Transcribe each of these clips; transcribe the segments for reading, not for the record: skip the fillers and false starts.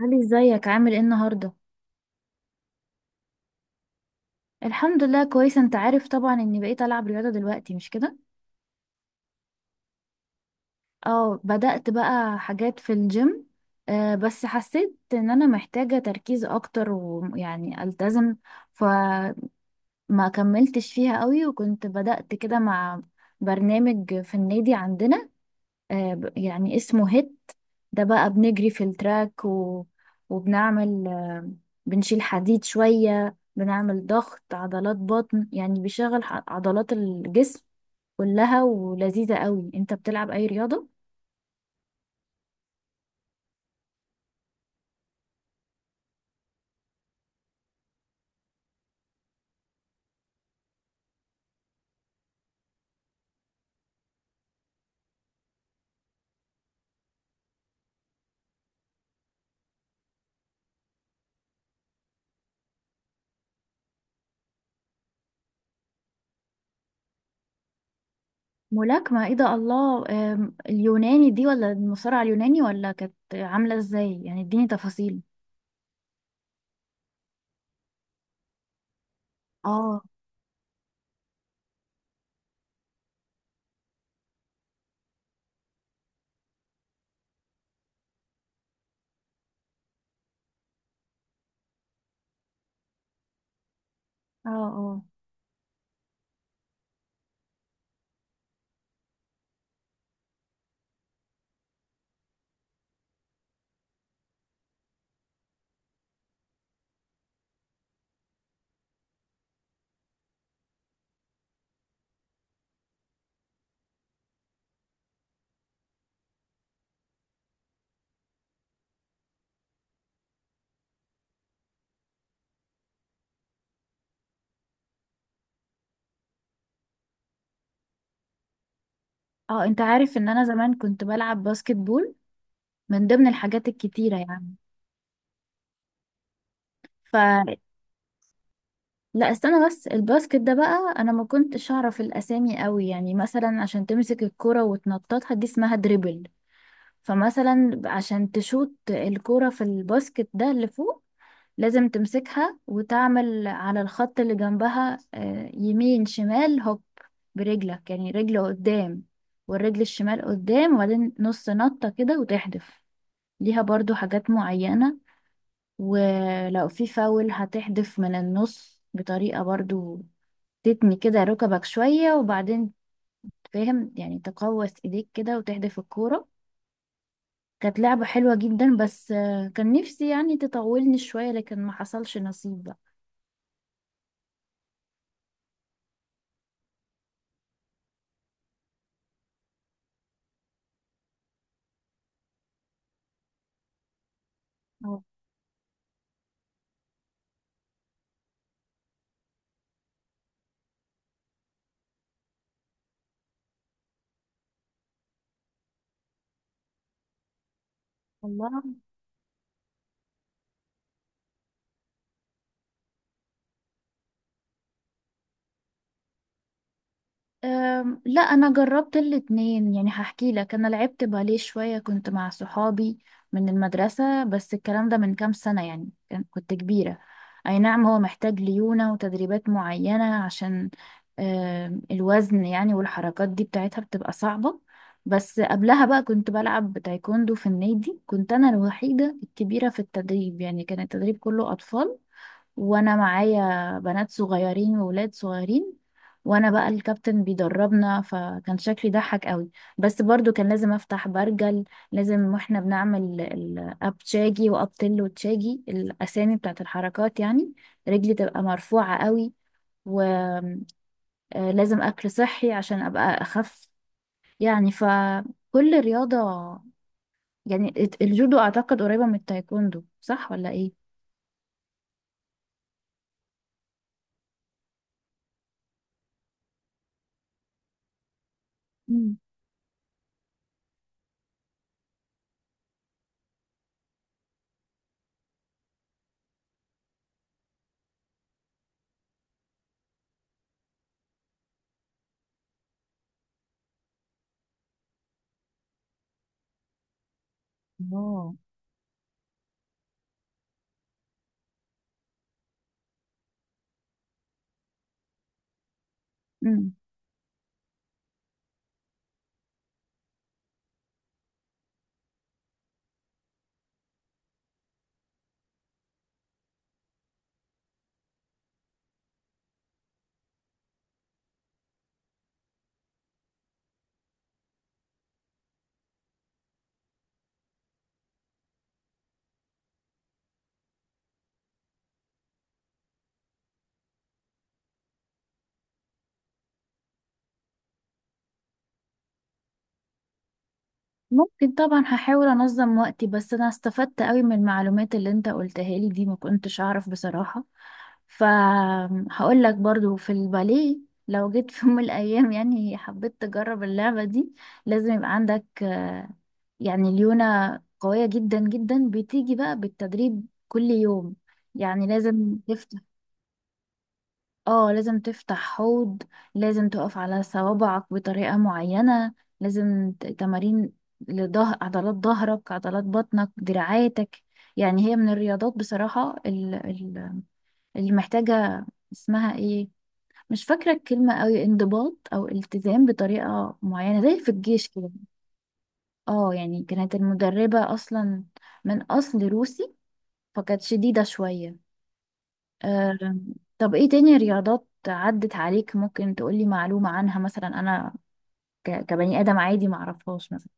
علي، ازيك؟ عامل ايه النهارده؟ الحمد لله، كويسه. انت عارف طبعا اني بقيت العب رياضه دلوقتي، مش كده؟ اه، بدأت بقى حاجات في الجيم. آه بس حسيت ان انا محتاجه تركيز اكتر ويعني التزم. فما كملتش فيها قوي، وكنت بدأت كده مع برنامج في النادي عندنا. آه، يعني اسمه هيت. ده بقى بنجري في التراك و... وبنعمل، بنشيل حديد شوية، بنعمل ضغط عضلات بطن. يعني بيشغل عضلات الجسم كلها، ولذيذة قوي. انت بتلعب اي رياضة؟ ملاكمة؟ ايه ده، الله! اليوناني دي، ولا المصارعة اليوناني، ولا كانت عاملة ازاي؟ يعني اديني تفاصيل. اه، اه، اه. اه، انت عارف ان انا زمان كنت بلعب باسكت بول، من ضمن الحاجات الكتيرة. يعني. لا، استنى بس. الباسكت ده بقى انا ما كنتش اعرف الاسامي قوي، يعني مثلا عشان تمسك الكرة وتنططها، دي اسمها دريبل. فمثلا عشان تشوت الكرة في الباسكت ده اللي فوق، لازم تمسكها وتعمل على الخط اللي جنبها، يمين شمال هوب برجلك، يعني رجل قدام والرجل الشمال قدام، وبعدين نص نطة كده وتحدف. ليها برضو حاجات معينة. ولو في فاول، هتحدف من النص بطريقة برضو تتني كده ركبك شوية، وبعدين، فاهم؟ يعني تقوس ايديك كده وتحدف الكورة. كانت لعبة حلوة جدا، بس كان نفسي يعني تطولني شوية، لكن ما حصلش نصيب بقى. آه، والله. لا، انا جربت الاتنين. يعني هحكي لك، انا لعبت باليه شوية كنت مع صحابي من المدرسة، بس الكلام ده من كام سنة يعني، كنت كبيرة. اي نعم، هو محتاج ليونة وتدريبات معينة عشان الوزن يعني، والحركات دي بتاعتها بتبقى صعبة. بس قبلها بقى كنت بلعب تايكوندو في النادي. كنت انا الوحيدة الكبيرة في التدريب، يعني كان التدريب كله اطفال، وانا معايا بنات صغيرين وولاد صغيرين، وانا بقى الكابتن بيدربنا، فكان شكلي ضحك قوي. بس برضو كان لازم افتح برجل. لازم، واحنا بنعمل الاب تشاجي واب تل وتشاجي، الاسامي بتاعت الحركات يعني، رجلي تبقى مرفوعة قوي. ولازم اكل صحي عشان ابقى اخف، يعني. فكل رياضة، يعني، الجودو اعتقد قريبة من التايكوندو، صح ولا ايه؟ مم. اه. مم. ممكن، طبعا هحاول انظم وقتي. بس انا استفدت قوي من المعلومات اللي انت قلتها لي دي، ما كنتش اعرف بصراحة. فهقول لك برضو في الباليه، لو جيت في يوم من الايام يعني حبيت تجرب اللعبة دي، لازم يبقى عندك، يعني، ليونة قوية جدا جدا، بتيجي بقى بالتدريب كل يوم. يعني لازم تفت. اه، لازم تفتح حوض، لازم تقف على صوابعك بطريقة معينة، لازم تمارين لظهر، عضلات ظهرك، عضلات بطنك، دراعاتك. يعني هي من الرياضات بصراحة، اللي محتاجة، اسمها ايه، مش فاكرة الكلمة قوي، انضباط او التزام بطريقة معينة، زي في الجيش كده. اه، يعني كانت المدربة اصلا من اصل روسي، فكانت شديدة شوية. آم، طب ايه تاني رياضات عدت عليك ممكن تقولي معلومة عنها؟ مثلا انا، كبني ادم عادي، معرفهاش مثلا.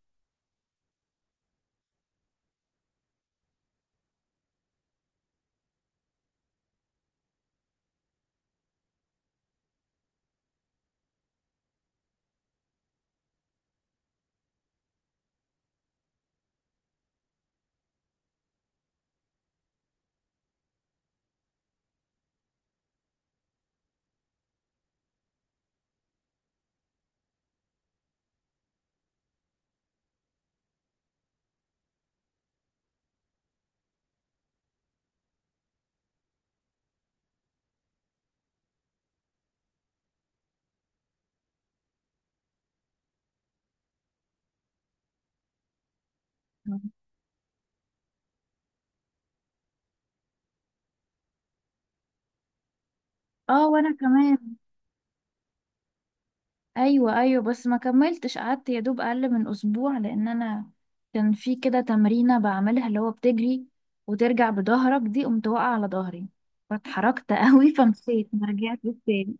اه، وانا كمان. ايوه، ايوه، بس ما كملتش. قعدت يا دوب اقل من اسبوع، لان انا كان في كده تمرينه بعملها اللي هو بتجري وترجع بظهرك، دي قمت واقعه على ظهري، فاتحركت قوي، فمشيت ما رجعتش تاني.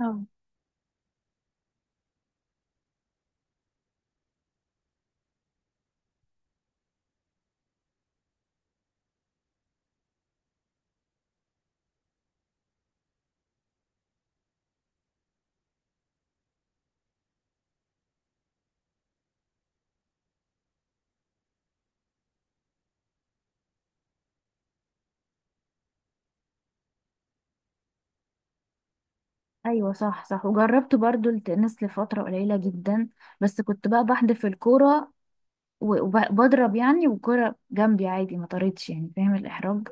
اه، ايوه. صح، صح. وجربت برضو التنس لفترة قليلة جدا، بس كنت بقى بحدف الكورة وبضرب يعني، والكرة جنبي عادي ما طارتش. يعني فاهم الإحراج.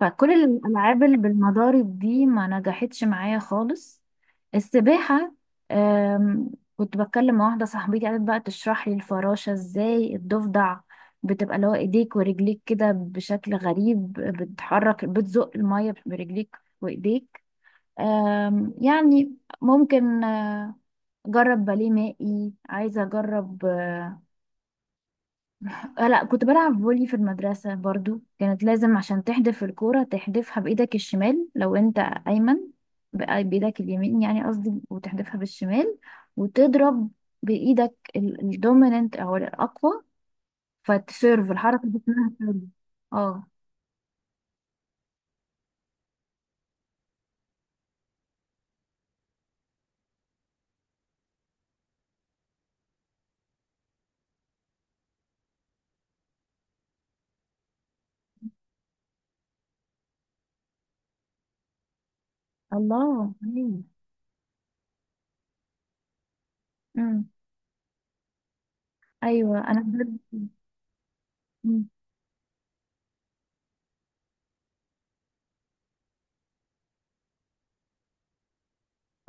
فكل الألعاب اللي بالمضارب دي ما نجحتش معايا خالص. السباحة. أم، كنت بتكلم مع واحدة صاحبتي، قالت بقى تشرح لي الفراشة ازاي، الضفدع بتبقى اللي هو ايديك ورجليك كده بشكل غريب، بتحرك بتزق المية برجليك وايديك. يعني، ممكن اجرب باليه مائي. عايزة اجرب. آه، لا، كنت بلعب فولي في المدرسة برضو. كانت لازم عشان تحدف الكورة تحدفها بإيدك الشمال لو أنت أيمن، بقى بإيدك اليمين يعني قصدي، وتحدفها بالشمال، وتضرب بإيدك الدوميننت أو الأقوى، فتسيرف، الحركة دي اسمها سيرف. اه، الله. أيوة. امم. أيوة، أنا بجد. أمم.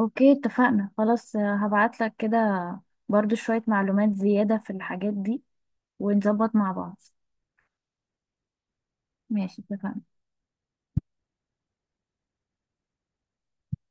أوكي، اتفقنا. خلاص هبعتلك كده برضو شوية معلومات زيادة في الحاجات دي، ونظبط مع بعض. ماشي، اتفقنا.